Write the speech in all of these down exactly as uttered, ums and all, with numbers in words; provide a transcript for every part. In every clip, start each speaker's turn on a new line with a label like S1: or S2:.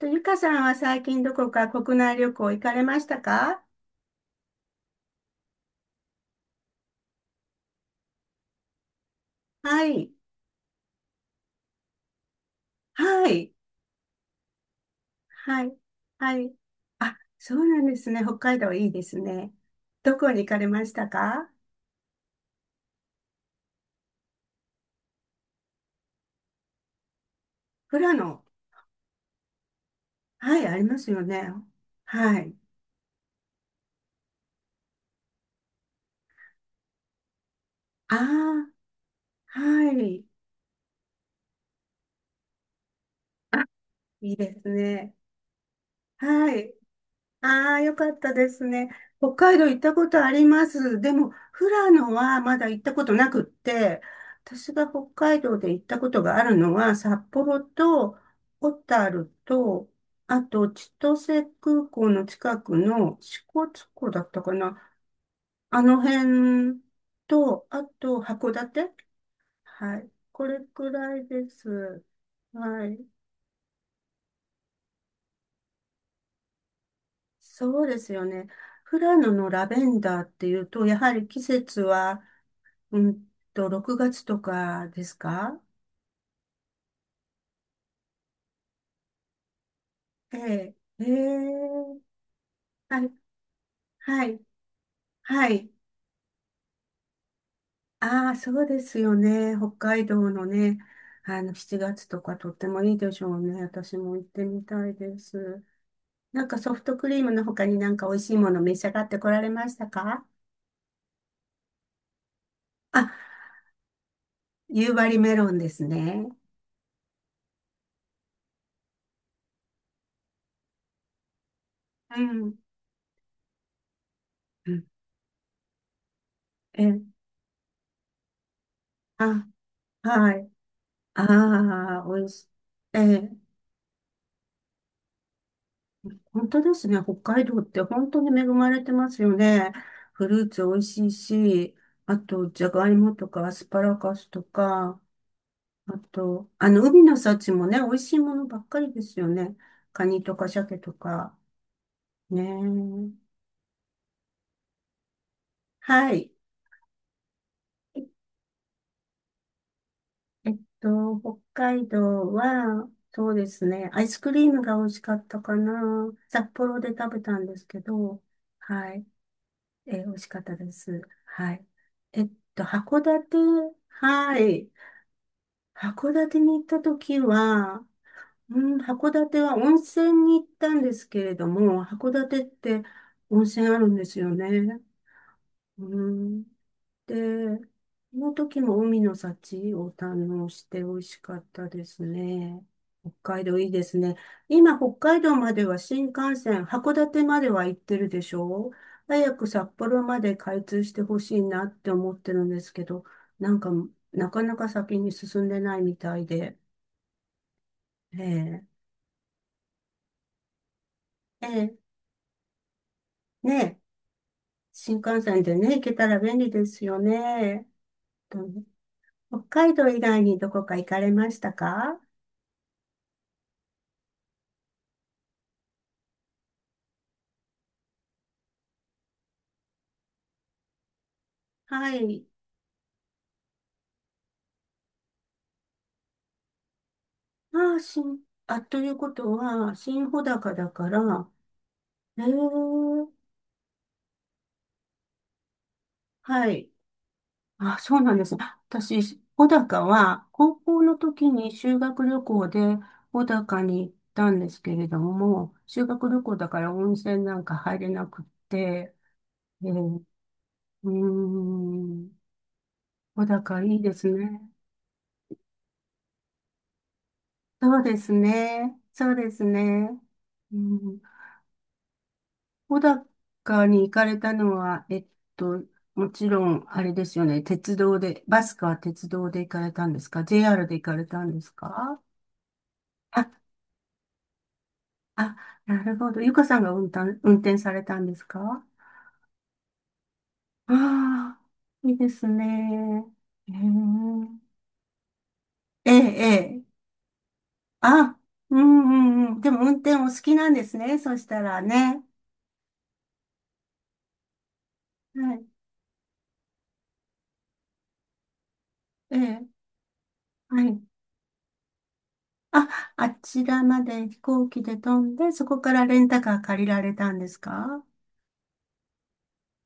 S1: と、ゆかさんは最近どこか国内旅行行かれましたか？はい。はい。はい。はい。あ、そうなんですね。北海道いいですね。どこに行かれましたか？富良野。はい、ありますよね。はい。ああ、はい。あ、いいですね。はい。ああ、よかったですね。北海道行ったことあります。でも、富良野はまだ行ったことなくって、私が北海道で行ったことがあるのは、札幌と小樽と、あと千歳空港の近くの支笏湖だったかな。あの辺と、あと函館。はい。これくらいです。はい。そうですよね。富良野のラベンダーっていうと、やはり季節は、うんと、ろくがつとかですか？ええ、ええ、はい、はい、はい。ああ、そうですよね。北海道のね、あの、しちがつとかとってもいいでしょうね。私も行ってみたいです。なんかソフトクリームの他になんか美味しいもの召し上がってこられましたか？あ、夕張メロンですね。うん。うん、ええ、あ、はい。ああ、美味しい。ええ。本当ですね。北海道って本当に恵まれてますよね。フルーツ美味しいし、あと、じゃがいもとかアスパラガスとか、あと、あの、海の幸もね、美味しいものばっかりですよね。カニとか鮭とか。ねえ。はい。ええっと、北海道は、そうですね。アイスクリームが美味しかったかな。札幌で食べたんですけど、はい。えー、美味しかったです。はい。えっと、函館、はい。函館に行った時は、うん、函館は温泉に行ったんですけれども、函館って温泉あるんですよね。うん。で、その時も海の幸を堪能して美味しかったですね。北海道いいですね。今、北海道までは新幹線、函館までは行ってるでしょう？早く札幌まで開通してほしいなって思ってるんですけど、なんか、なかなか先に進んでないみたいで。ええ、ええ、ねえ、新幹線でね、行けたら便利ですよね。とね。北海道以外にどこか行かれましたか？はい。ああ、しん、あ、ということは、新穂高だから、ええ、はい。あ、そうなんですね。私、穂高は、高校の時に修学旅行で穂高に行ったんですけれども、修学旅行だから温泉なんか入れなくって、ええ、うーん、穂高いいですね。そうですね。そうですね。うん。小高に行かれたのは、えっと、もちろん、あれですよね。鉄道で、バスか鉄道で行かれたんですか ?ジェーアール で行かれたんですか？あ、あ、なるほど。ゆかさんが運転、運転されたんですか？ああー、いいですね。へえええ、ええ。あ、うんうんうん。でも運転お好きなんですね。そしたらね。はい。ええ、はい。あ、あちらまで飛行機で飛んで、そこからレンタカー借りられたんですか？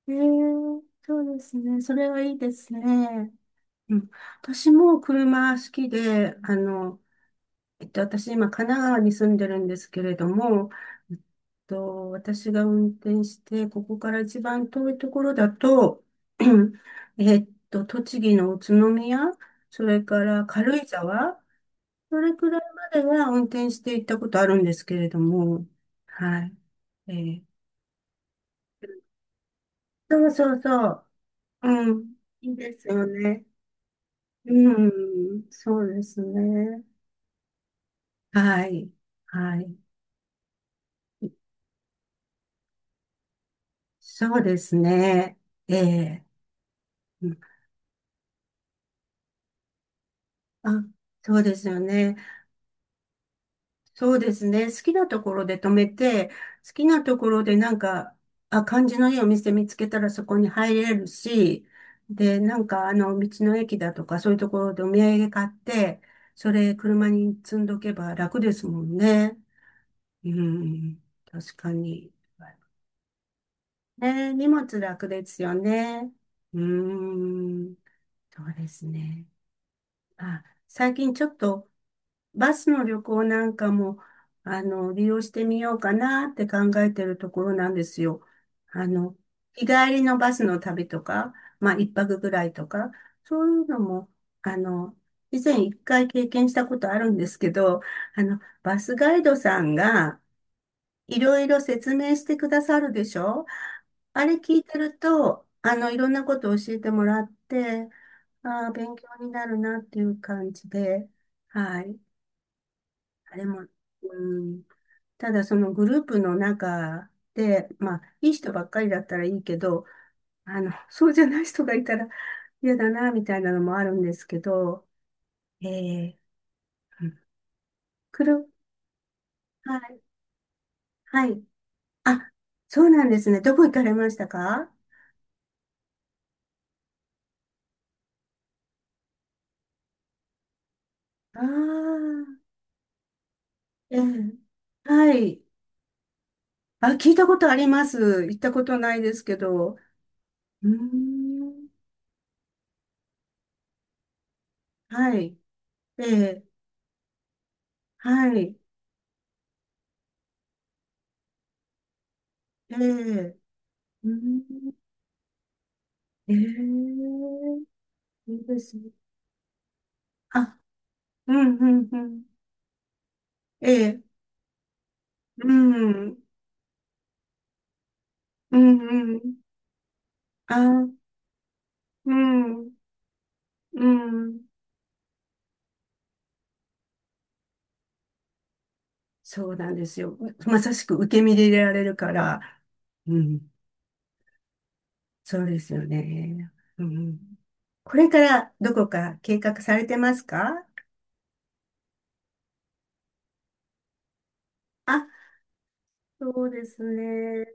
S1: ええ、そうですね。それはいいですね。うん。私も車好きで、あの、えっと、私今神奈川に住んでるんですけれども、えっと、私が運転して、ここから一番遠いところだと、えっと、栃木の宇都宮、それから軽井沢、それくらいまでは運転して行ったことあるんですけれども、はい。えーそうそうそう。うん。いいですよね。うん。そうですね。はい。はい。そうですね。ええ、うん。あ、そうですよね。そうですね。好きなところで止めて、好きなところでなんか、あ、感じのいいお店見つけたらそこに入れるし、で、なんかあの、道の駅だとかそういうところでお土産買って、それ車に積んどけば楽ですもんね。うん、確かに。ね、荷物楽ですよね。うーん、そうですね。あ、最近ちょっとバスの旅行なんかも、あの、利用してみようかなって考えてるところなんですよ。あの、日帰りのバスの旅とか、まあ、一泊ぐらいとか、そういうのも、あの、以前一回経験したことあるんですけど、あの、バスガイドさんがいろいろ説明してくださるでしょ？あれ聞いてると、あの、いろんなことを教えてもらって、ああ、勉強になるなっていう感じで、はい。あれも、うん、ただそのグループの中で、まあ、いい人ばっかりだったらいいけど、あの、そうじゃない人がいたら嫌だな、みたいなのもあるんですけど、えー、うん、くる、はい、はい。あ、そうなんですね。どこ行かれましたか？ああー、ええ、はい。あ、聞いたことあります。行ったことないですけど。うーん、はい。ええ、はい。ええ、うーん、ええ、いいですね。あ、うんうんうん。ええ、うん、うんうん。あ、うん、うん。そうなんですよ。まさしく受け身で入れられるから、うん、そうですよね。うん。これからどこか計画されてますか？あ、そうですね。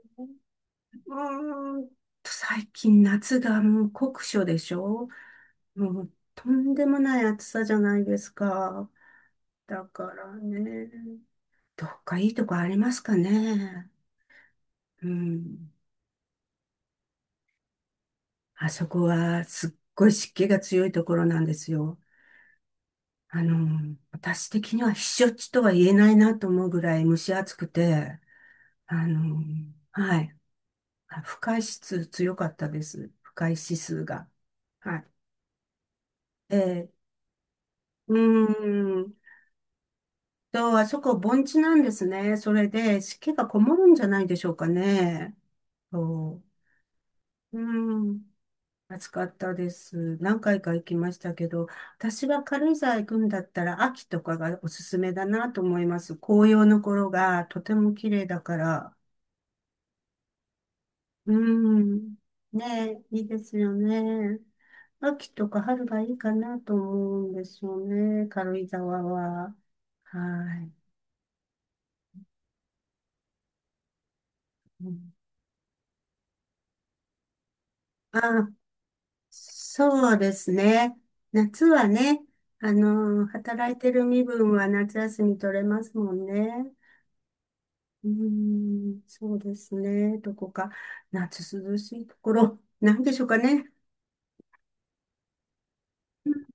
S1: うーんと、最近夏がもう酷暑でしょ？もうとんでもない暑さじゃないですか。だからね、どっかいいとこありますかね。うん。あそこはすっごい湿気が強いところなんですよ。あの、私的には避暑地とは言えないなと思うぐらい蒸し暑くて、あの、はい。あ、不快指数強かったです。不快指数が。はい。ええ、うーん。と、あそこ盆地なんですね。それで湿気がこもるんじゃないでしょうかね。そう。うーん。暑かったです。何回か行きましたけど、私は軽井沢行くんだったら秋とかがおすすめだなと思います。紅葉の頃がとても綺麗だから。うん。ねえ、いいですよね。秋とか春がいいかなと思うんですよね。軽井沢は。はい。うん、あ、そうですね。夏はね、あの、働いてる身分は夏休み取れますもんね。うーん、そうですね。どこか、夏涼しいところ、なんでしょうかね。うん、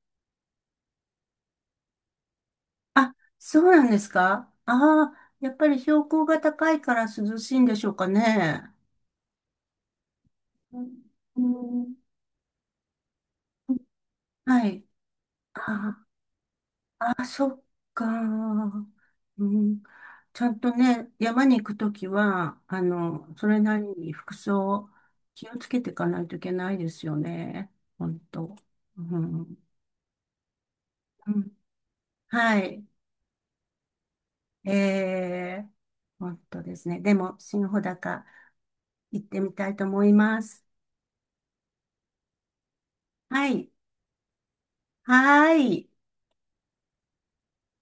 S1: あ、そうなんですか、ああ、やっぱり標高が高いから涼しいんでしょうかね。うんうん、はい。ああ、そっか。うん、ちゃんとね、山に行くときは、あの、それなりに服装、気をつけていかないといけないですよね。本当。うん、うん、はい。ええ、本当ですね。でも、新穂高行ってみたいと思います。はい。はーい。